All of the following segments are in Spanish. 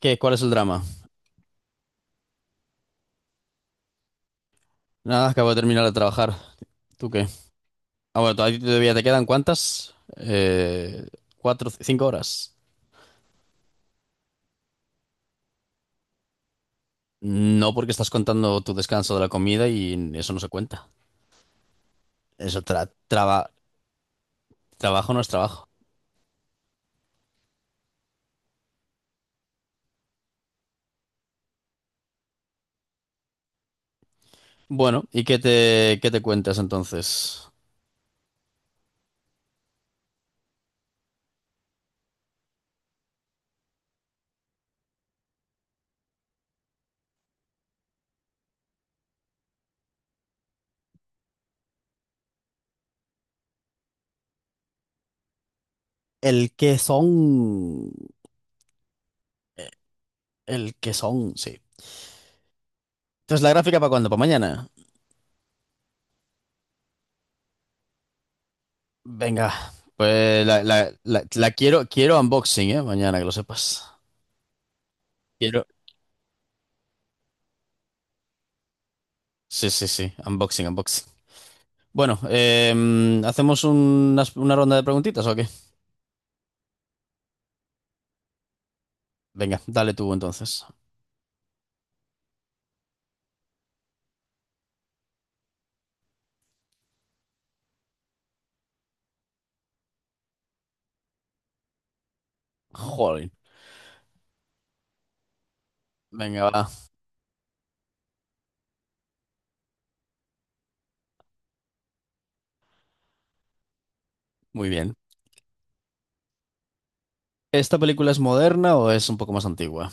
¿Qué? ¿Cuál es el drama? Nada, acabo de terminar de trabajar. ¿Tú qué? Ah, bueno, todavía te quedan cuántas? Cuatro, cinco horas. No, porque estás contando tu descanso de la comida y eso no se cuenta. Eso tra- traba- Trabajo no es trabajo. Bueno, ¿y qué te cuentas entonces? El que son. El que son, sí. Entonces, ¿la gráfica para cuándo? ¿Para mañana? Venga, pues la quiero, quiero unboxing, ¿eh? Mañana, que lo sepas. Quiero. Sí, sí, sí. Unboxing, unboxing. Bueno, ¿hacemos una ronda de preguntitas o qué? Venga, dale tú entonces. Jolín. Venga, va. Muy bien. ¿Esta película es moderna o es un poco más antigua?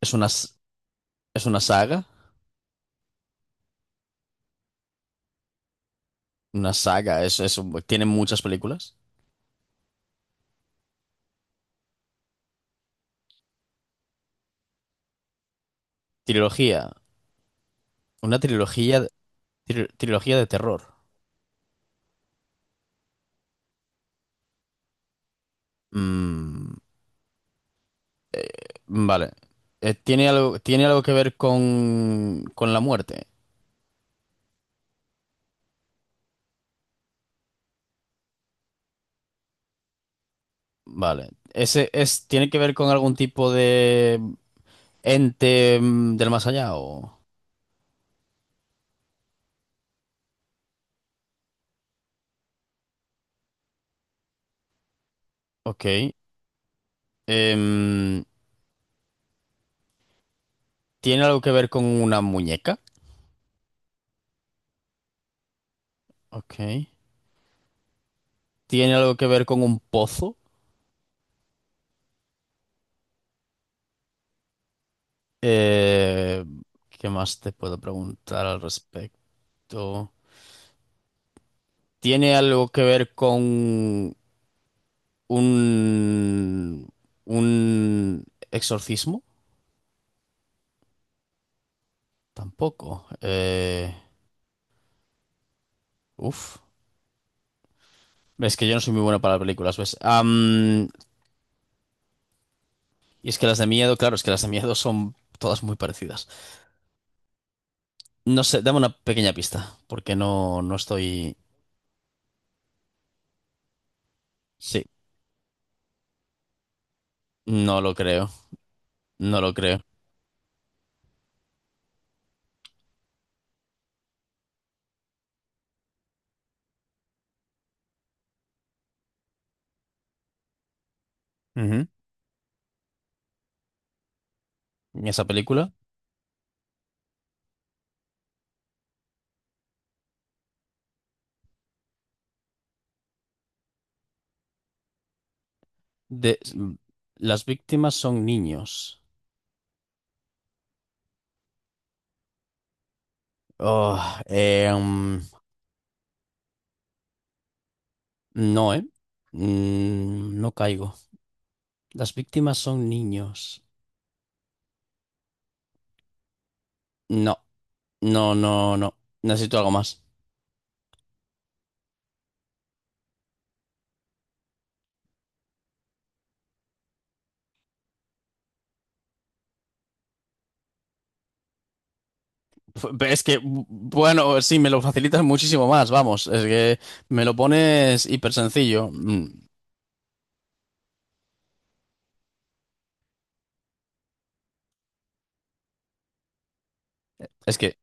¿Es una, es una saga? Una saga, es tiene muchas películas. Trilogía. Una trilogía, trilogía de terror. Mm, vale. Tiene algo que ver con la muerte? Vale. Ese es, ¿tiene que ver con algún tipo de ente del más allá o... Ok. Em, ¿Tiene algo que ver con una muñeca? Ok. ¿Tiene algo que ver con un pozo? Eh, ¿Qué más te puedo preguntar al respecto? ¿Tiene algo que ver con un... un exorcismo? Tampoco. Uf. Es que yo no soy muy bueno para películas, ¿ves? Y es que las de miedo, claro, es que las de miedo son todas muy parecidas. No sé, dame una pequeña pista, porque no, no estoy... Sí, no lo creo, no lo creo. Ujú. En esa película, de... las víctimas son niños. Oh, eh, mm, no, ¿eh? No caigo. Las víctimas son niños. No, no, no, no. Necesito algo más. Es que, bueno, sí, me lo facilitas muchísimo más, vamos. Es que me lo pones hiper sencillo. Es que...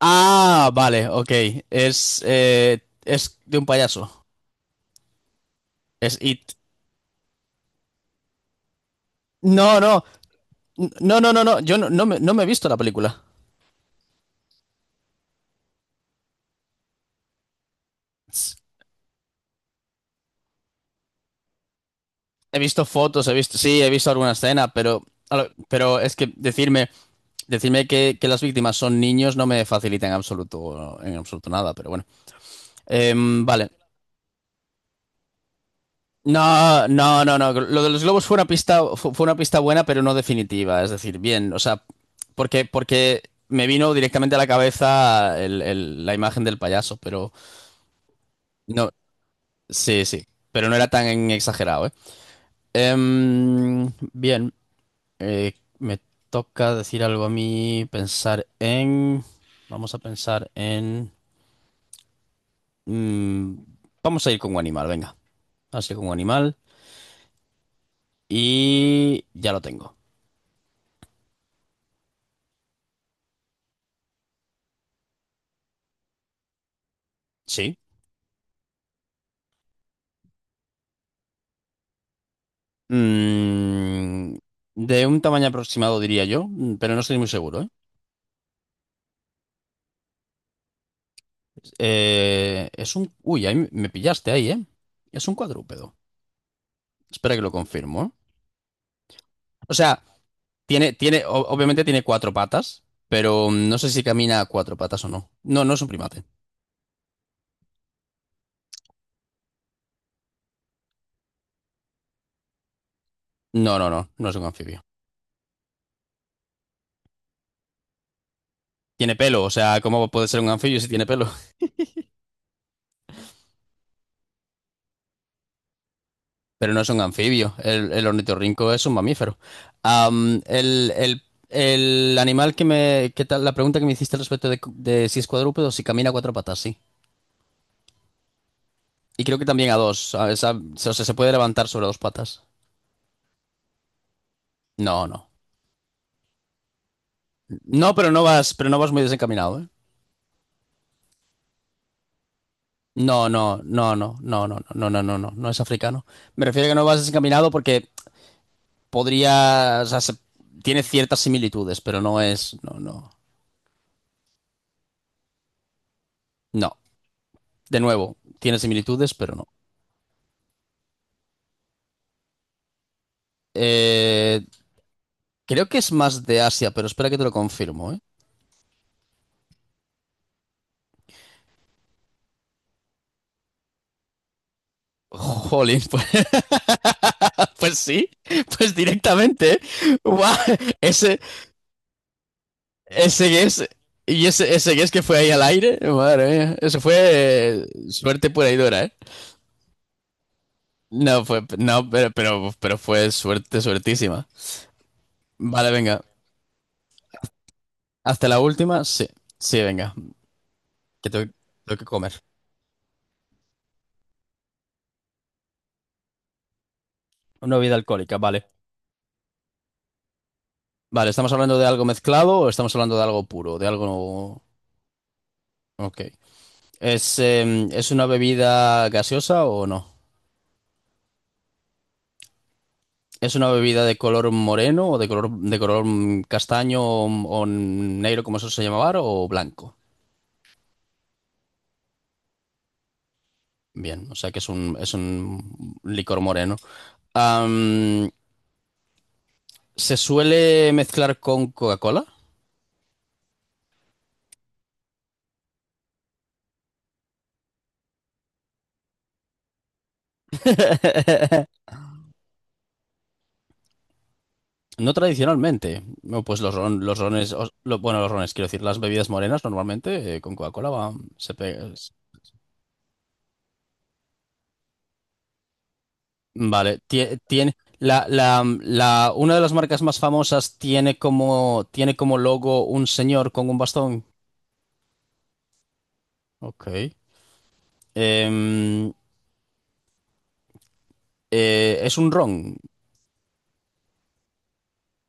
Ah, vale, ok. Es de un payaso. Es It. No, no, no, no, no, no. Yo no, no me, no me he visto la película. He visto fotos, he visto, sí, he visto alguna escena, pero, pero es que decirme, decirme que las víctimas son niños no me facilita en absoluto nada, pero bueno. Vale. No, no, no, no. Lo de los globos fue una pista, fue una pista buena, pero no definitiva. Es decir, bien, o sea, porque, porque me vino directamente a la cabeza la imagen del payaso, pero no, sí, sí, pero no era tan exagerado, ¿eh? Bien, eh, me toca decir algo a mí, pensar en, vamos a pensar en, mm, vamos a ir con un animal, venga, vamos a ir con un animal y ya lo tengo. Sí. Mm, de un tamaño aproximado, diría yo, pero no estoy muy seguro, ¿eh? Es un... Uy, ahí me pillaste ahí, ¿eh? Es un cuadrúpedo. Espera que lo confirmo, ¿eh? O sea, tiene, tiene, obviamente tiene cuatro patas, pero no sé si camina a cuatro patas o no. No, no es un primate. No, no, no, no es un anfibio. Tiene pelo, o sea, ¿cómo puede ser un anfibio si tiene pelo? Pero no es un anfibio. El ornitorrinco es un mamífero. El, el animal que me... ¿Qué tal? La pregunta que me hiciste al respecto de si es cuadrúpedo, si camina a cuatro patas, sí. Y creo que también a dos. O sea, se puede levantar sobre dos patas. No, no. No, pero no vas muy desencaminado, ¿eh? No, no, no, no, no, no, no, no, no, no, no es africano. Me refiero a que no vas desencaminado porque podría, tiene ciertas similitudes, pero no es, no, no, no. De nuevo, tiene similitudes, pero no. Eh, creo que es más de Asia, pero espera que te lo confirmo, ¿eh? Jolín, pues, pues sí, pues directamente. ¿Eh? Guau, Ese, ese guess, y ese guess que fue ahí al aire, madre mía, eso fue suerte pura y dura, ¿eh? No, fue, no, pero fue suerte, suertísima. Vale, venga, hasta la última, sí, sí, venga, que tengo, tengo que comer. Una bebida alcohólica, vale. Vale, ¿estamos hablando de algo mezclado o estamos hablando de algo puro, de algo... Ok. ¿Es, ¿es una bebida gaseosa o no? ¿Es una bebida de color moreno o de color castaño o negro, como eso se llamaba, o blanco? Bien, o sea que es un licor moreno. Am, ¿Se suele mezclar con Coca-Cola? No tradicionalmente. No, pues los, los rones, bueno, los rones, quiero decir, las bebidas morenas normalmente con Coca-Cola se pega. Vale, tiene la, la, una de las marcas más famosas tiene como logo un señor con un bastón. Ok. Em, es un ron,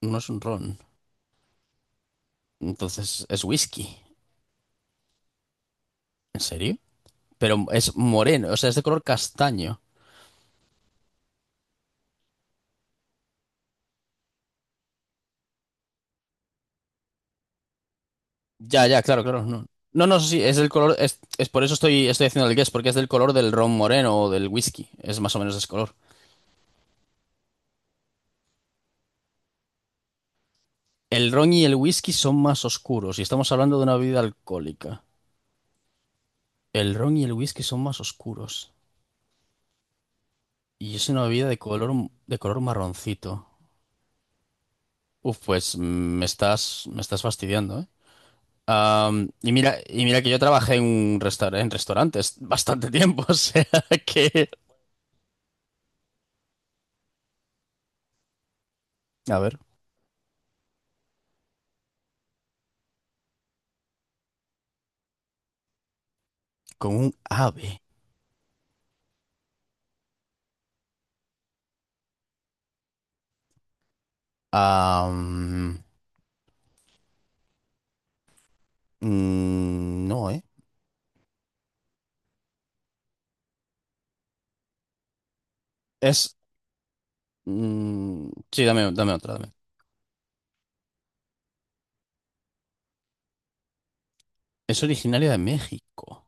no es un ron. Entonces es whisky. ¿En serio? Pero es moreno, o sea, es de color castaño. Ya, ya, claro, claro, no. No, no, sí, es del color, es por eso estoy, estoy haciendo el guess, porque es del color del ron moreno o del whisky. Es más o menos ese color. El ron y el whisky son más oscuros y estamos hablando de una bebida alcohólica. El ron y el whisky son más oscuros. Y es una bebida de color marroncito. Uf, pues me estás fastidiando, ¿eh? Y mira que yo trabajé en un restaurante, en restaurantes bastante tiempo, o sea que... A ver, con un ave. Am, no, ¿eh? Es... sí, dame, dame otra, dame. Es originaria de México.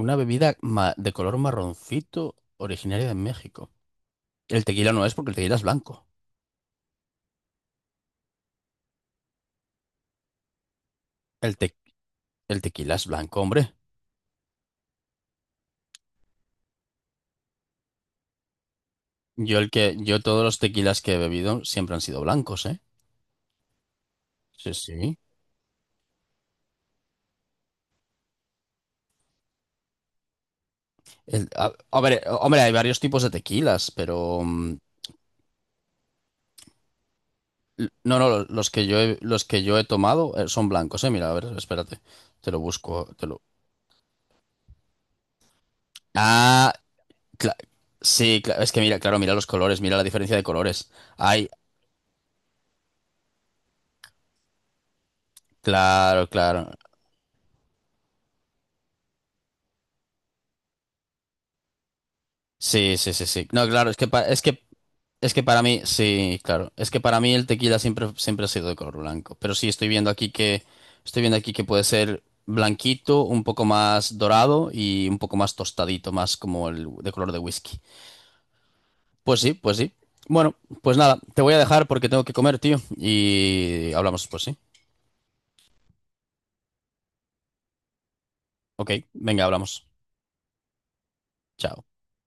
Una bebida de color marroncito originaria de México. El tequila no es porque el tequila es blanco. El, el tequila es blanco, hombre. Yo el que, yo todos los tequilas que he bebido siempre han sido blancos, ¿eh? Sí, sí. A, a ver, hombre, hay varios tipos de tequilas, pero no, no, los que yo he, los que yo he tomado son blancos, ¿eh? Mira, a ver, espérate, te lo busco, te lo. Ah, cla- sí, es que mira, claro, mira los colores, mira la diferencia de colores. Ay, claro, claro. Sí, sí, sí, sí. No, claro, es que, es que, es que para mí, sí, claro, es que para mí el tequila siempre, siempre ha sido de color blanco. Pero sí, estoy viendo aquí que, estoy viendo aquí que puede ser blanquito, un poco más dorado y un poco más tostadito, más como el de color de whisky. Pues sí, pues sí. Bueno, pues nada, te voy a dejar porque tengo que comer, tío. Y hablamos, pues sí. Ok, venga, hablamos. Chao.